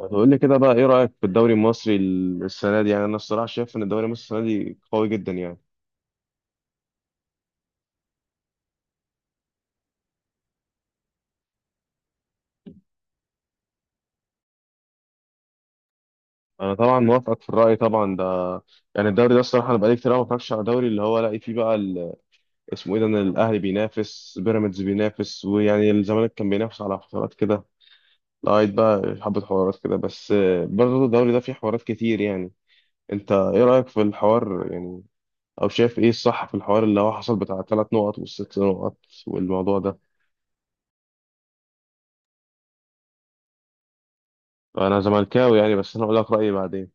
هتقول لي كده بقى، ايه رأيك في الدوري المصري السنة دي؟ يعني انا الصراحة شايف ان الدوري المصري السنة دي قوي جدا يعني. انا طبعا موافقك في الرأي طبعا ده. يعني الدوري ده الصراحة انا بقالي كتير أوي ما بتفرجش على دوري اللي هو الاقي فيه بقى اسمه ايه ده، ان الاهلي بينافس بيراميدز بينافس، ويعني الزمالك كان بينافس على فترات كده لغاية بقى حبة حوارات كده بس. برضه الدوري ده فيه حوارات كتير يعني. انت ايه رأيك في الحوار يعني؟ او شايف ايه الصح في الحوار اللي هو حصل بتاع الثلاث نقط والست نقط والموضوع ده؟ انا زملكاوي يعني، بس انا اقول لك رايي بعدين.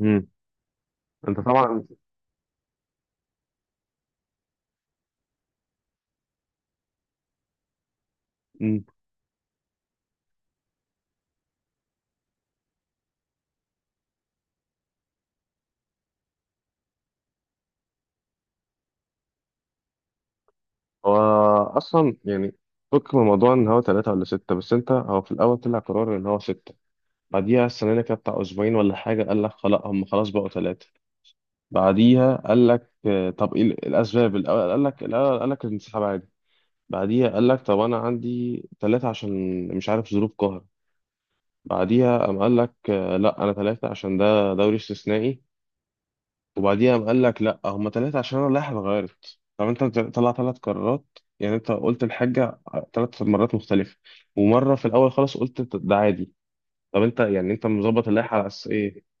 امم. انت طبعا. امم. هو اصلا يعني فك من موضوع ان هو ثلاثه ولا سته، بس انت هو في الاول طلع قرار ان هو سته. بعديها السنه اللي كانت بتاع اسبوعين ولا حاجه قال لك خلاص هم خلاص بقوا ثلاثه. بعديها قال لك طب ايه الاسباب؟ الاول قال لك الانسحاب عادي. بعديها قال لك طب انا عندي ثلاثه عشان مش عارف ظروف قهر. بعديها قام قال لك لا، انا ثلاثه عشان ده دوري استثنائي. وبعديها قام قال لك لا هما ثلاثة عشان انا رايح اتغيرت. طب انت طلع ثلاث قرارات يعني، انت قلت الحاجة ثلاث مرات مختلفة. ومرة في الاول خالص قلت ده عادي. طب انت يعني انت مظبط اللائحة على اساس ايه؟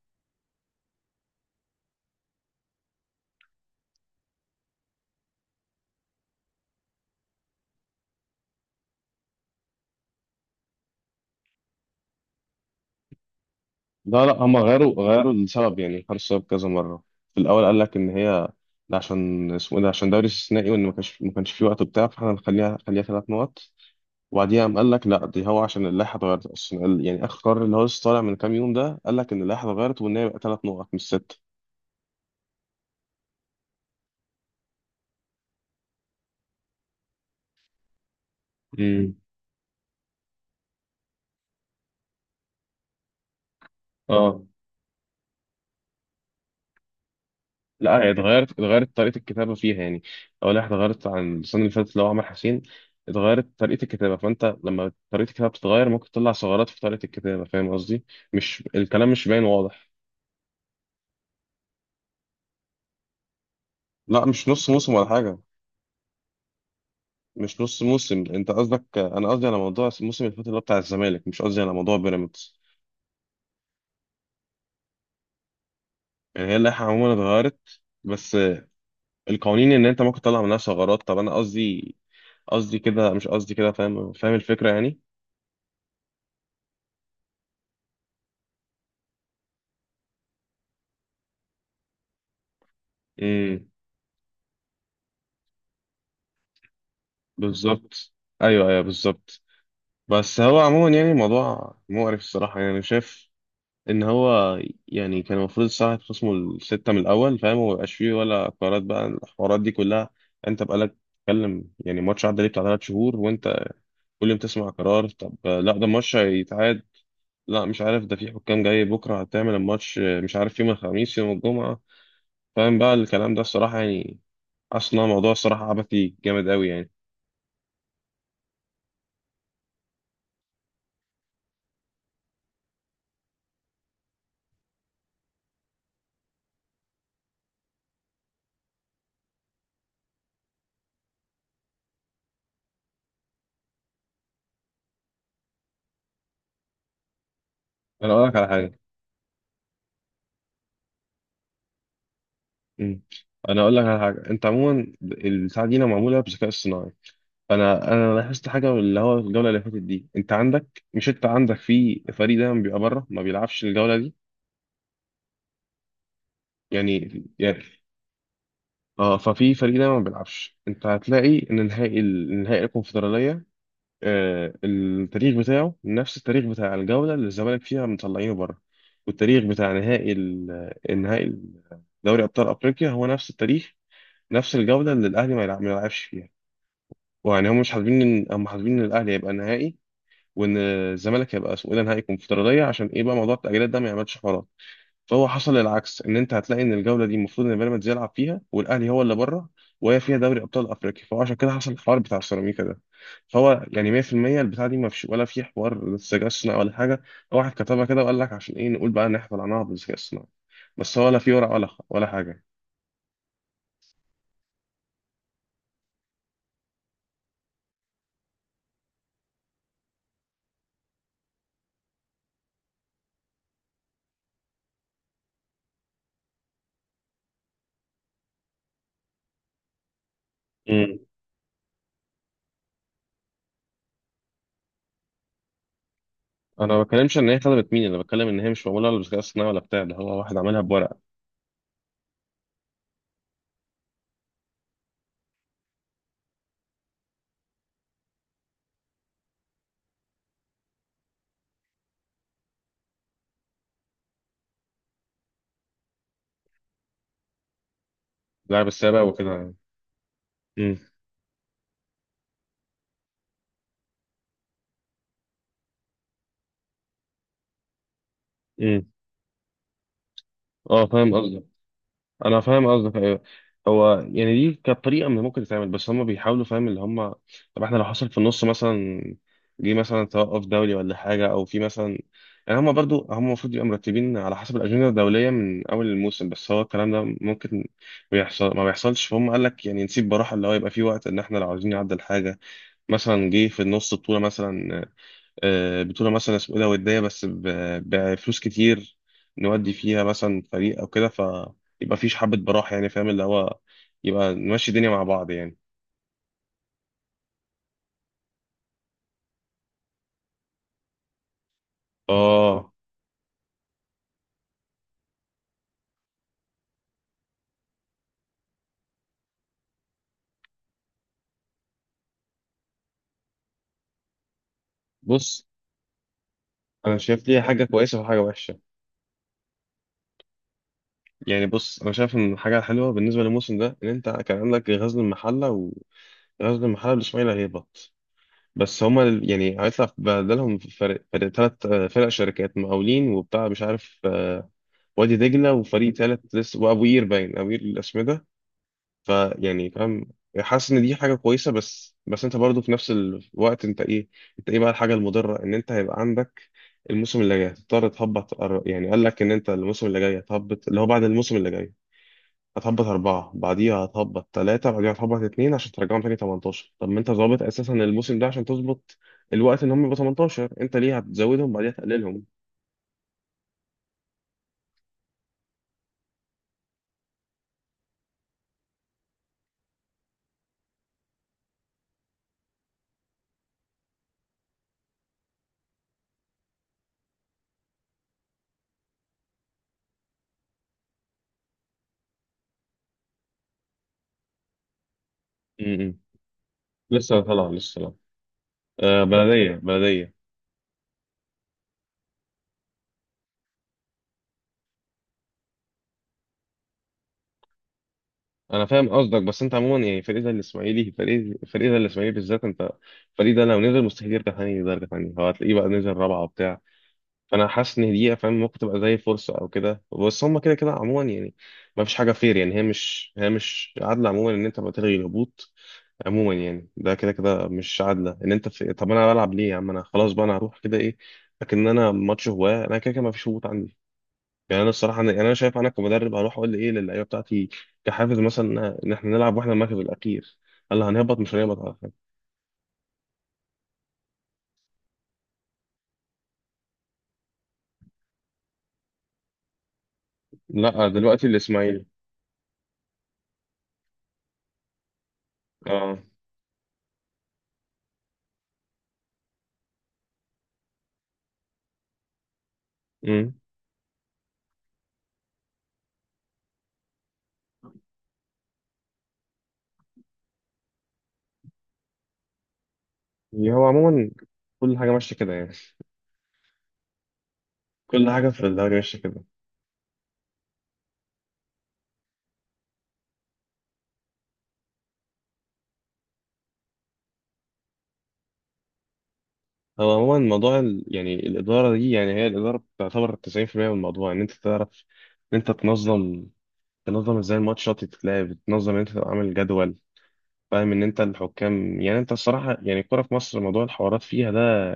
لا هما غيروا السبب، يعني غيروا السبب كذا مرة. في الاول قال لك ان هي ده عشان اسمه إيه ده، عشان دوري استثنائي وان ما كانش في وقت بتاع، فاحنا خليها ثلاث نقط. وبعديها قام قال لك لا دي هو عشان اللائحه اتغيرت اصلا، يعني اخر قرار اللي هو لسه طالع من كام يوم ده، قال لك ان اللائحه اتغيرت وان هي بقى ثلاث نقط مش ست. امم. اه. لا، هي اتغيرت، اتغيرت طريقة الكتابة فيها يعني. أول واحد اتغيرت عن السنة اللي فاتت اللي هو عمر حسين. اتغيرت طريقة الكتابة، فأنت لما طريقة الكتابة بتتغير ممكن تطلع ثغرات في طريقة الكتابة، فاهم قصدي؟ مش الكلام مش باين واضح. لا، مش نص موسم ولا حاجة. مش نص موسم، أنت قصدك، أنا قصدي على موضوع الموسم اللي فات اللي هو بتاع الزمالك، مش قصدي على موضوع بيراميدز. يعني هي اللائحة عموما اتغيرت، بس القوانين إن أنت ممكن تطلع منها ثغرات. طب أنا قصدي، قصدي كده مش قصدي كده، فاهم الفكرة يعني؟ امم. بالظبط. ايوه، ايوه، بالظبط. بس هو عموما يعني الموضوع مقرف الصراحه يعني، شايف ان هو يعني كان المفروض الساعه تخصمه السته من الاول فاهم، وما يبقاش فيه ولا قرارات بقى الحوارات دي كلها. انت بقالك تتكلم، يعني ماتش عدى ليه بتاع ثلاث شهور وانت كل يوم تسمع قرار. طب لا ده ماتش هيتعاد، لا مش عارف ده في حكام جاي بكره هتعمل الماتش، مش عارف يوم الخميس يوم الجمعه. فاهم بقى الكلام ده الصراحه يعني؟ اصلا موضوع الصراحه عبثي جامد قوي يعني. انا اقول لك على حاجه. مم. انا اقول لك على حاجه، انت عموما الساعه دي معموله بذكاء اصطناعي. انا لاحظت حاجه، اللي هو الجوله اللي فاتت دي انت عندك مش انت عندك في فريق دايما بيبقى بره ما بيلعبش الجوله دي. يعني اه، ففي فريق دايما ما بيلعبش. انت هتلاقي ان نهائي نهائي الكونفدراليه، التاريخ بتاعه نفس التاريخ بتاع الجوله اللي الزمالك فيها مطلعينه بره. والتاريخ بتاع نهائي النهائي دوري ابطال افريقيا هو نفس التاريخ، نفس الجوله اللي الاهلي ما يلعبش فيها. ويعني هم مش حابين، ان هم حابين ان الاهلي هيبقى نهائي وان الزمالك هيبقى اسمه ايه ده نهائي كونفدراليه، عشان ايه بقى موضوع التاجيلات ده ما يعملش حوارات. فهو حصل العكس، ان انت هتلاقي ان الجوله دي المفروض ان بيراميدز يلعب فيها والاهلي هو اللي بره، وهي فيها دوري ابطال افريقيا، فهو عشان كده حصل الحوار بتاع السيراميكا ده. فهو يعني 100% البتاع دي ما فيش ولا في حوار ذكاء اصطناعي ولا حاجه. هو واحد كتبها كده وقال لك عشان ايه، نقول بقى ان احنا طلعناها بالذكاء الاصطناعي، بس هو لا في ورق ولا حاجه. امم. انا ما بتكلمش ان هي خدمت مين، انا بتكلم ان هي مش معموله ولا بالذكاء الاصطناعي ولا بتاع ده، هو واحد عملها بورق. اللعب السابق وكده يعني. امم. امم. اه فاهم قصدك. انا فاهم قصدك ايوه. هو يعني دي كانت طريقه من ممكن تتعمل، بس هم بيحاولوا فاهم اللي هم. طب احنا لو حصل في النص مثلا، جه مثلا توقف دولي ولا حاجه، او في مثلا، يعني هم برضو هم المفروض يبقوا مرتبين على حسب الاجنده الدوليه من اول الموسم، بس هو الكلام ده ممكن بيحصل ما بيحصلش. فهم قال لك يعني نسيب براحه اللي هو يبقى في وقت ان احنا لو عاوزين نعدل حاجه، مثلا جه في النص بطوله مثلا، بطولة مثلا اسمه ايه ده ودية بس بفلوس كتير، نودي فيها مثلا فريق او كده، فيبقى فيش حبة براح يعني فاهم اللي هو، يبقى نمشي الدنيا مع بعض يعني. اه. بص، انا شايف ليها حاجة كويسة وحاجة وحشة. يعني بص، انا شايف ان الحاجة الحلوة بالنسبة للموسم ده ان انت كان عندك غزل المحلة، وغزل المحلة والاسماعيلي هيهبط. بس هما يعني هيطلع بدلهم فرق، فرق ثلاث فرق شركات مقاولين وبتاع مش عارف، وادي دجلة وفريق ثالث لسه، وابو قير، باين ابو قير الاسمده. فيعني فاهم، حاسس ان دي حاجه كويسه، بس بس انت برضو في نفس الوقت انت ايه بقى الحاجه المضره، ان انت هيبقى عندك الموسم اللي جاي هتضطر تهبط، يعني قال لك ان انت الموسم اللي جاي هتهبط، اللي هو بعد الموسم اللي جاي هتهبط أربعة، بعديها هتهبط ثلاثة، بعديها هتهبط اتنين عشان ترجعهم تاني 18. طب ما انت ظابط أساسا الموسم ده عشان تظبط الوقت ان هم يبقوا 18، انت ليه هتزودهم بعديها تقللهم؟ م. لسه طالع، لسه طالع. آه، بلدية بلدية. انا فاهم قصدك، بس انت عموما يعني فريق زي الاسماعيلي، فريق زي الاسماعيلي بالذات، انت الفريق ده لو نزل مستحيل يرجع تاني درجه تانيه، هو هتلاقيه بقى نزل رابعه وبتاع. فانا حاسس ان دي فاهم ممكن تبقى زي فرصه او كده، بس هم كده كده عموما يعني ما فيش حاجه فير يعني، هي مش عادله عموما ان انت بقى تلغي الهبوط، عموما يعني ده كده كده مش عادله ان انت في، طب انا بلعب ليه يا عم؟ انا خلاص بقى، انا هروح كده ايه. لكن انا ماتش هواه، انا كده كده ما فيش هبوط عندي. يعني انا الصراحه انا يعني انا شايف، انا كمدرب هروح اقول ايه للعيبه بتاعتي كحافز مثلا ان احنا نلعب واحنا المركز الاخير؟ قال لي هنهبط مش هنهبط على فكره. لا دلوقتي الاسماعيلي. اه. امم. هو عموما كل حاجه ماشيه كده يعني، كل حاجه في الدوري ماشيه كده. هو عموما موضوع ال، يعني الاداره دي، يعني هي الاداره تعتبر 90% من الموضوع، ان انت تعرف ان انت تنظم، تنظم ازاي الماتشات تتلعب، تنظم ان انت تبقى عامل جدول فاهم، ان انت الحكام. يعني انت الصراحه يعني الكوره في مصر موضوع الحوارات فيها ده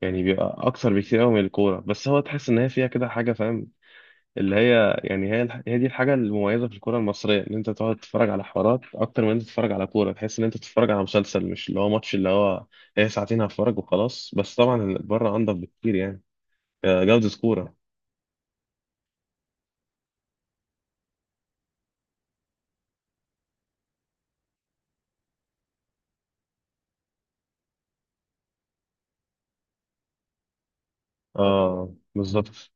يعني بيبقى اكثر بكتير قوي من الكوره، بس هو تحس ان هي فيها كده حاجه فاهم، اللي هي يعني هي هي دي الحاجه المميزه في الكوره المصريه، ان انت تقعد تتفرج على حوارات اكتر من انت تتفرج على كوره، تحس ان انت بتتفرج على مسلسل، مش اللي هو ماتش اللي هو هي ساعتين هتفرج وخلاص. بس طبعا بره انضف بكتير يعني، جوده كوره. اه بالظبط.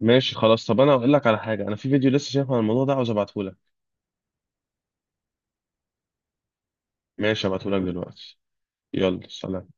ماشي خلاص، طب انا هقول لك على حاجه، انا في فيديو لسه شايفه عن الموضوع ده عاوز ابعته لك. ماشي ابعته لك دلوقتي. يلا سلام.